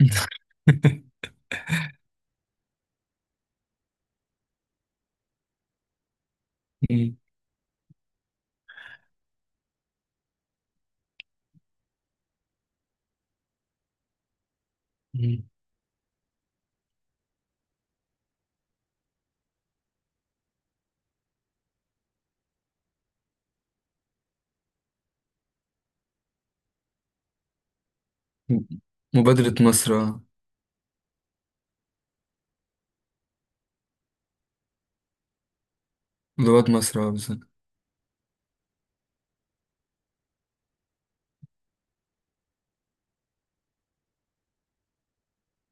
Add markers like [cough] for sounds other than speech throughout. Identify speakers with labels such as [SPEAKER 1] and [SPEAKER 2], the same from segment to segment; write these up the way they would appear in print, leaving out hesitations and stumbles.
[SPEAKER 1] [laughs] مم. مم. مبادرة مصر، آه. رواد مصر، آه، بالظبط.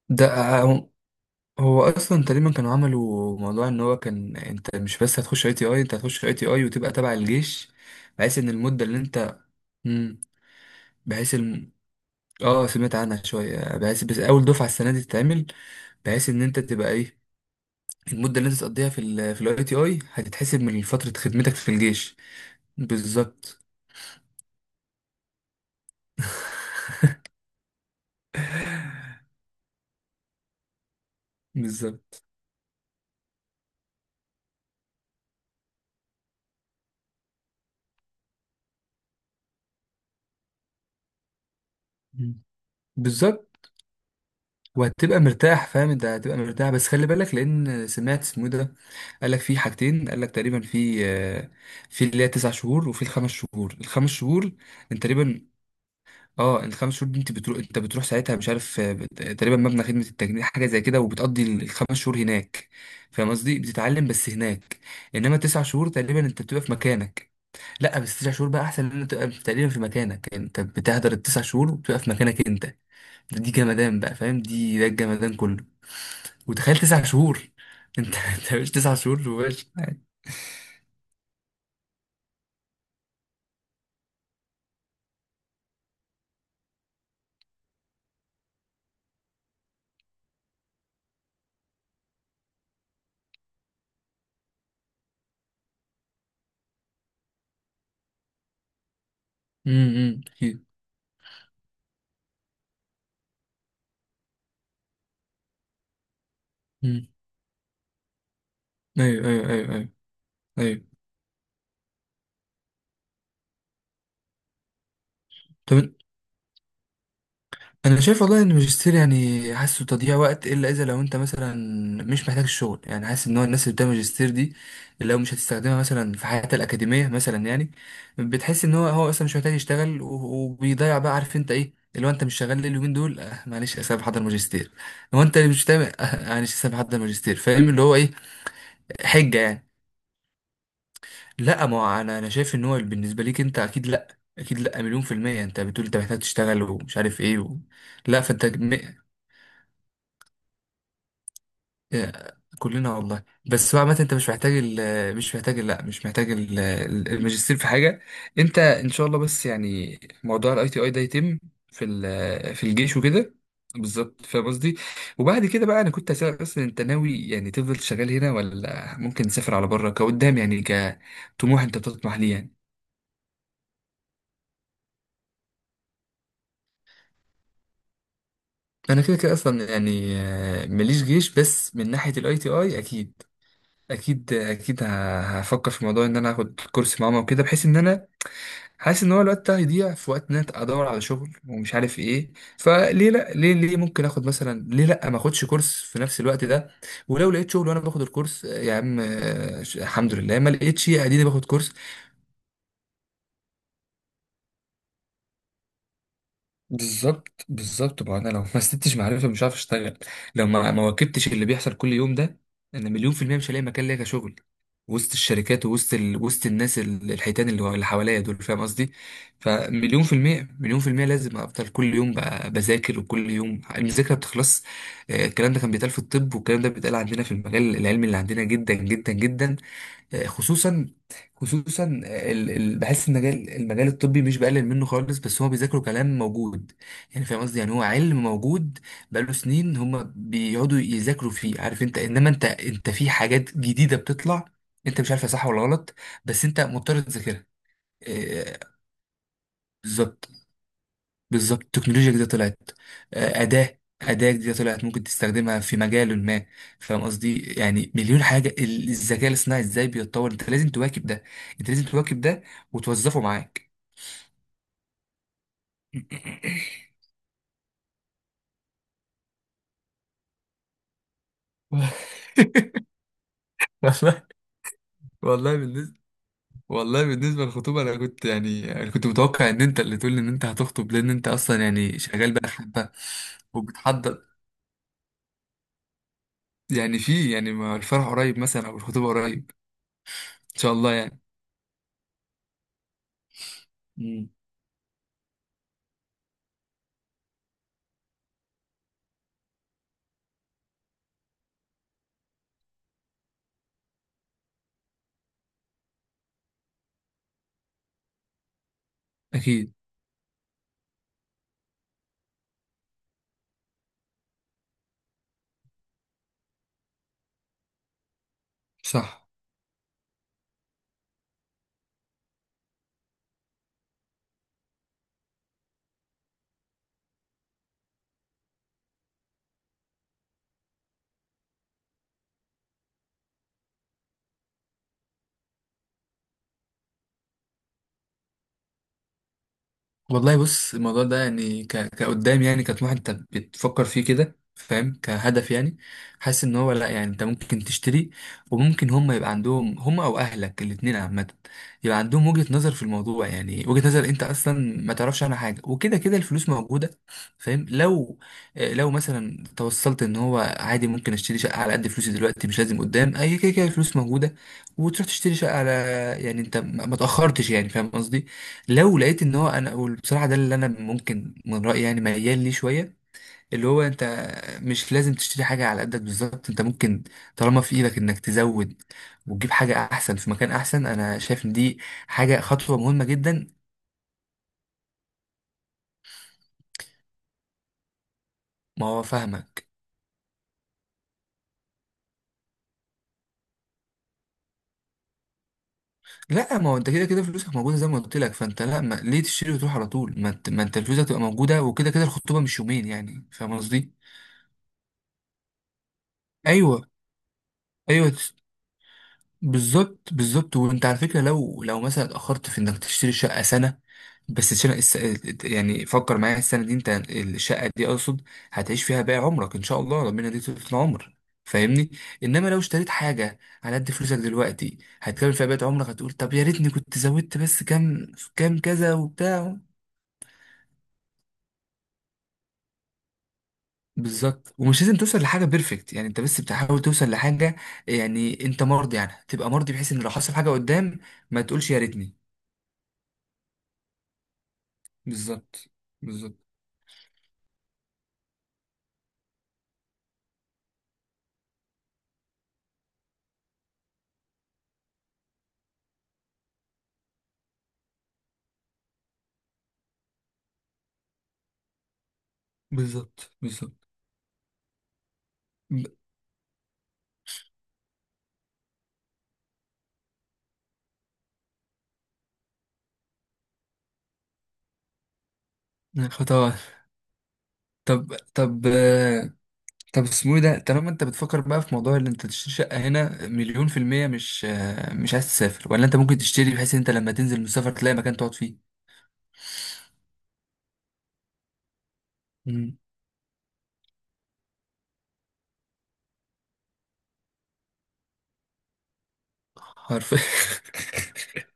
[SPEAKER 1] ده، هو اصلا تقريبا كانوا عملوا موضوع ان هو كان، انت مش بس هتخش اي تي اي، انت هتخش اي تي اي وتبقى تبع الجيش، بحيث ان المدة اللي انت... مم، بحيث الم... اه، سمعت عنها شوية، بحيث بس اول دفعة السنة دي تتعمل، بحيث ان انت تبقى ايه، المدة اللي انت تقضيها في الاي تي اي هتتحسب من فترة خدمتك في الجيش. بالظبط. [laughs] بالظبط، بالظبط. وهتبقى مرتاح، فاهم، انت هتبقى مرتاح. بس خلي بالك، لان سمعت اسمه إيه ده، قال لك في حاجتين، قال لك تقريبا في... في اللي هي تسع شهور، وفي الخمس شهور، انت تقريبا... اه الخمس شهور دي انت بتروح، ساعتها مش عارف، تقريبا مبنى خدمة التجنيد حاجة زي كده، وبتقضي الخمس شهور هناك، فاهم قصدي، بتتعلم بس هناك. انما تسع شهور تقريبا انت بتبقى في مكانك. لا، بس تسع شهور بقى احسن ان انت تبقى تقريبا في مكانك، يعني انت بتهدر التسع شهور وبتبقى في مكانك انت. دي جمدان بقى، فاهم، دي الجمدان كله. وتخيل تسع شهور. [laughs] انت مش تسع شهور وباش يعني. امم، اكيد. امم. ايوه، ايوه، ايوه، ايوه، ايوه. طب، انا شايف والله ان الماجستير يعني حاسه تضييع وقت، الا اذا لو انت مثلا مش محتاج الشغل، يعني حاسس ان هو الناس اللي بتعمل ماجستير دي لو مش هتستخدمها مثلا في حياتها الاكاديميه مثلا، يعني بتحس ان هو اصلا مش محتاج يشتغل وبيضيع بقى، عارف انت ايه اللي هو انت مش شغال ليه اليومين دول. آه، معلش، اسيب احضر ماجستير، هو انت اللي مش تعمل. معلش، اسيب احضر ماجستير، فاهم، اللي هو ايه؟ حجه يعني. لا، ما هو انا شايف ان هو بالنسبه ليك انت، اكيد لا، اكيد لا، مليون في الميه. انت بتقول انت محتاج تشتغل، ومش عارف ايه، و... لا فانت م... آه، كلنا والله. بس بقى عامه انت مش محتاج لا، مش محتاج الماجستير في حاجه. انت ان شاء الله، بس يعني، موضوع الاي تي اي ده يتم في الجيش وكده. بالظبط، فاهم قصدي. وبعد كده بقى، انا كنت هسألك اصلا، انت ناوي يعني تفضل شغال هنا، ولا ممكن تسافر على بره كقدام، يعني كطموح انت بتطمح ليه يعني؟ انا كده كده اصلا يعني، ماليش جيش، بس من ناحيه الاي تي اي، اكيد، اكيد، اكيد. هفكر في موضوع ان انا هاخد كورس معاهم وكده، بحيث ان انا حاسس ان هو الوقت ده هيضيع في وقت ان انا ادور على شغل ومش عارف ايه. فليه لا، ليه ليه ممكن اخد مثلا، ليه لا ما اخدش كورس في نفس الوقت ده؟ ولو لقيت شغل وانا باخد الكورس، يا عم، الحمد لله، ما لقيتش، اديني باخد كورس. بالظبط، بالظبط. ما انا لو ما استدتش معرفه، مش عارف اشتغل. لو ما واكبتش اللي بيحصل كل يوم ده، انا مليون في الميه مش هلاقي مكان ليا كشغل، وسط الشركات، وسط الناس الحيتان، اللي حواليا دول، فاهم قصدي. فمليون في الميه، لازم افضل كل يوم بذاكر، وكل يوم المذاكره بتخلص. آه، الكلام ده كان بيتقال في الطب، والكلام ده بيتقال عندنا في المجال العلمي اللي عندنا، جدا جدا جدا. آه، خصوصا، خصوصا، بحس ان مجال، الطبي، مش بقلل منه خالص، بس هو بيذاكروا كلام موجود، يعني فاهم قصدي، يعني هو علم موجود بقاله سنين، هم بيقعدوا يذاكروا فيه، عارف انت، انما انت، في حاجات جديده بتطلع، انت مش عارفها صح ولا غلط، بس انت مضطر تذاكرها. آه، بالظبط، بالظبط. التكنولوجيا جديدة طلعت، أداة جديدة طلعت، ممكن تستخدمها في مجال ما، فاهم قصدي، يعني مليون حاجة، الذكاء الاصطناعي ازاي بيتطور، انت لازم تواكب ده، انت لازم تواكب ده، وتوظفه معاك. [laughs] والله. والله بالنسبة، والله بالنسبة للخطوبة، أنا كنت يعني أنا كنت متوقع إن أنت اللي تقول لي إن أنت هتخطب، لأن أنت أصلا يعني شغال بقى حبة، وبتحضر، يعني، في يعني، ما الفرح قريب مثلا أو الخطوبة قريب؟ إن شاء الله يعني. مم. أكيد. صح. والله بص، الموضوع ده يعني كقدام، يعني كطموح انت بتفكر فيه كده، فاهم، كهدف يعني. حاسس ان هو لا، يعني انت ممكن تشتري، وممكن هم يبقى عندهم هم، او اهلك، الاتنين عامة يبقى عندهم وجهة نظر في الموضوع، يعني وجهة نظر انت اصلا ما تعرفش عنها حاجة، وكده كده الفلوس موجودة، فاهم. لو، آه، لو مثلا توصلت ان هو عادي، ممكن اشتري شقة على قد فلوسي دلوقتي، مش لازم قدام، اي كده كده الفلوس موجودة، وتروح تشتري شقة على، يعني انت ما تأخرتش يعني، فاهم قصدي. لو لقيت ان هو انا، بصراحه، ده اللي انا ممكن من رايي يعني ميال ليه شويه، اللي هو انت مش لازم تشتري حاجه على قدك بالظبط، انت ممكن، طالما في ايدك انك تزود وتجيب حاجه احسن في مكان احسن، انا شايف ان دي حاجه، خطوه مهمه جدا. ما هو فاهمك. لا، ما هو انت كده كده فلوسك موجوده، زي ما قلت لك، فانت لا، ما ليه تشتري وتروح على طول، ما انت، فلوسك تبقى موجوده، وكده كده الخطوبه مش يومين يعني، فاهم قصدي. ايوه، ايوه. بالظبط، بالظبط، وانت على فكره لو، مثلا اتاخرت في انك تشتري شقه سنه، بس السنه، يعني فكر معايا، السنه دي انت الشقه دي اقصد هتعيش فيها باقي عمرك، ان شاء الله ربنا يديك طول العمر، فاهمني. انما لو اشتريت حاجه على قد فلوسك دلوقتي هتكمل فيها بقيت عمرك، هتقول طب يا ريتني كنت زودت بس كام، كام كذا وبتاع. بالظبط، ومش لازم توصل لحاجه بيرفكت يعني، انت بس بتحاول توصل لحاجه يعني انت مرضي عنها، تبقى مرضي بحيث ان لو حصل حاجه قدام ما تقولش يا ريتني. بالظبط، بالظبط، بالظبط، بالظبط، ب- خطوات. طب، طب، طب اسمه ايه ده، طالما انت بتفكر بقى في موضوع اللي انت تشتري شقة هنا، مليون في المية، مش عايز تسافر؟ ولا انت ممكن تشتري بحيث ان انت لما تنزل من السفر تلاقي مكان تقعد فيه؟ مم. حرفيا.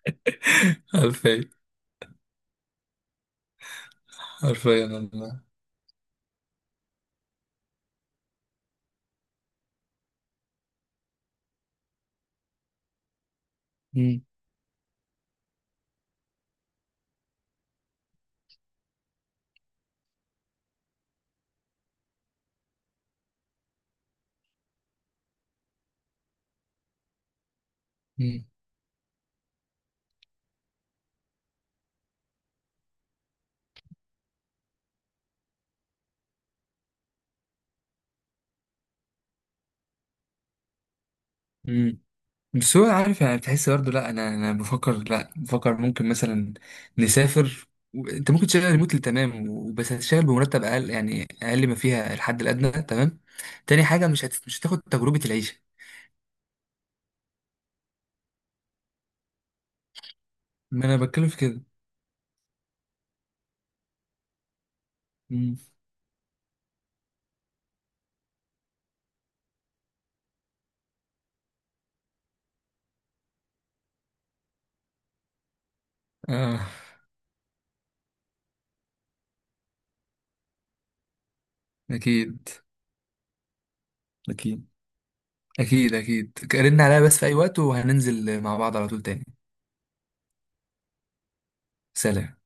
[SPEAKER 1] [laughs] حرفيا، حرفيا والله. مم. مم. مم. بس هو عارف يعني، بتحس برضه، لا انا بفكر، لا، بفكر ممكن مثلا نسافر و... انت ممكن تشتغل ريموتلي، تمام، بس هتشتغل بمرتب اقل، يعني اقل ما فيها الحد الادنى، تمام. تاني حاجه، مش هتاخد تجربه العيشه. ما انا بتكلم في كده. مم. اه، اكيد، اكيد، اكيد، اكيد رن عليا بس في اي وقت، وهننزل مع بعض على طول تاني. سلام.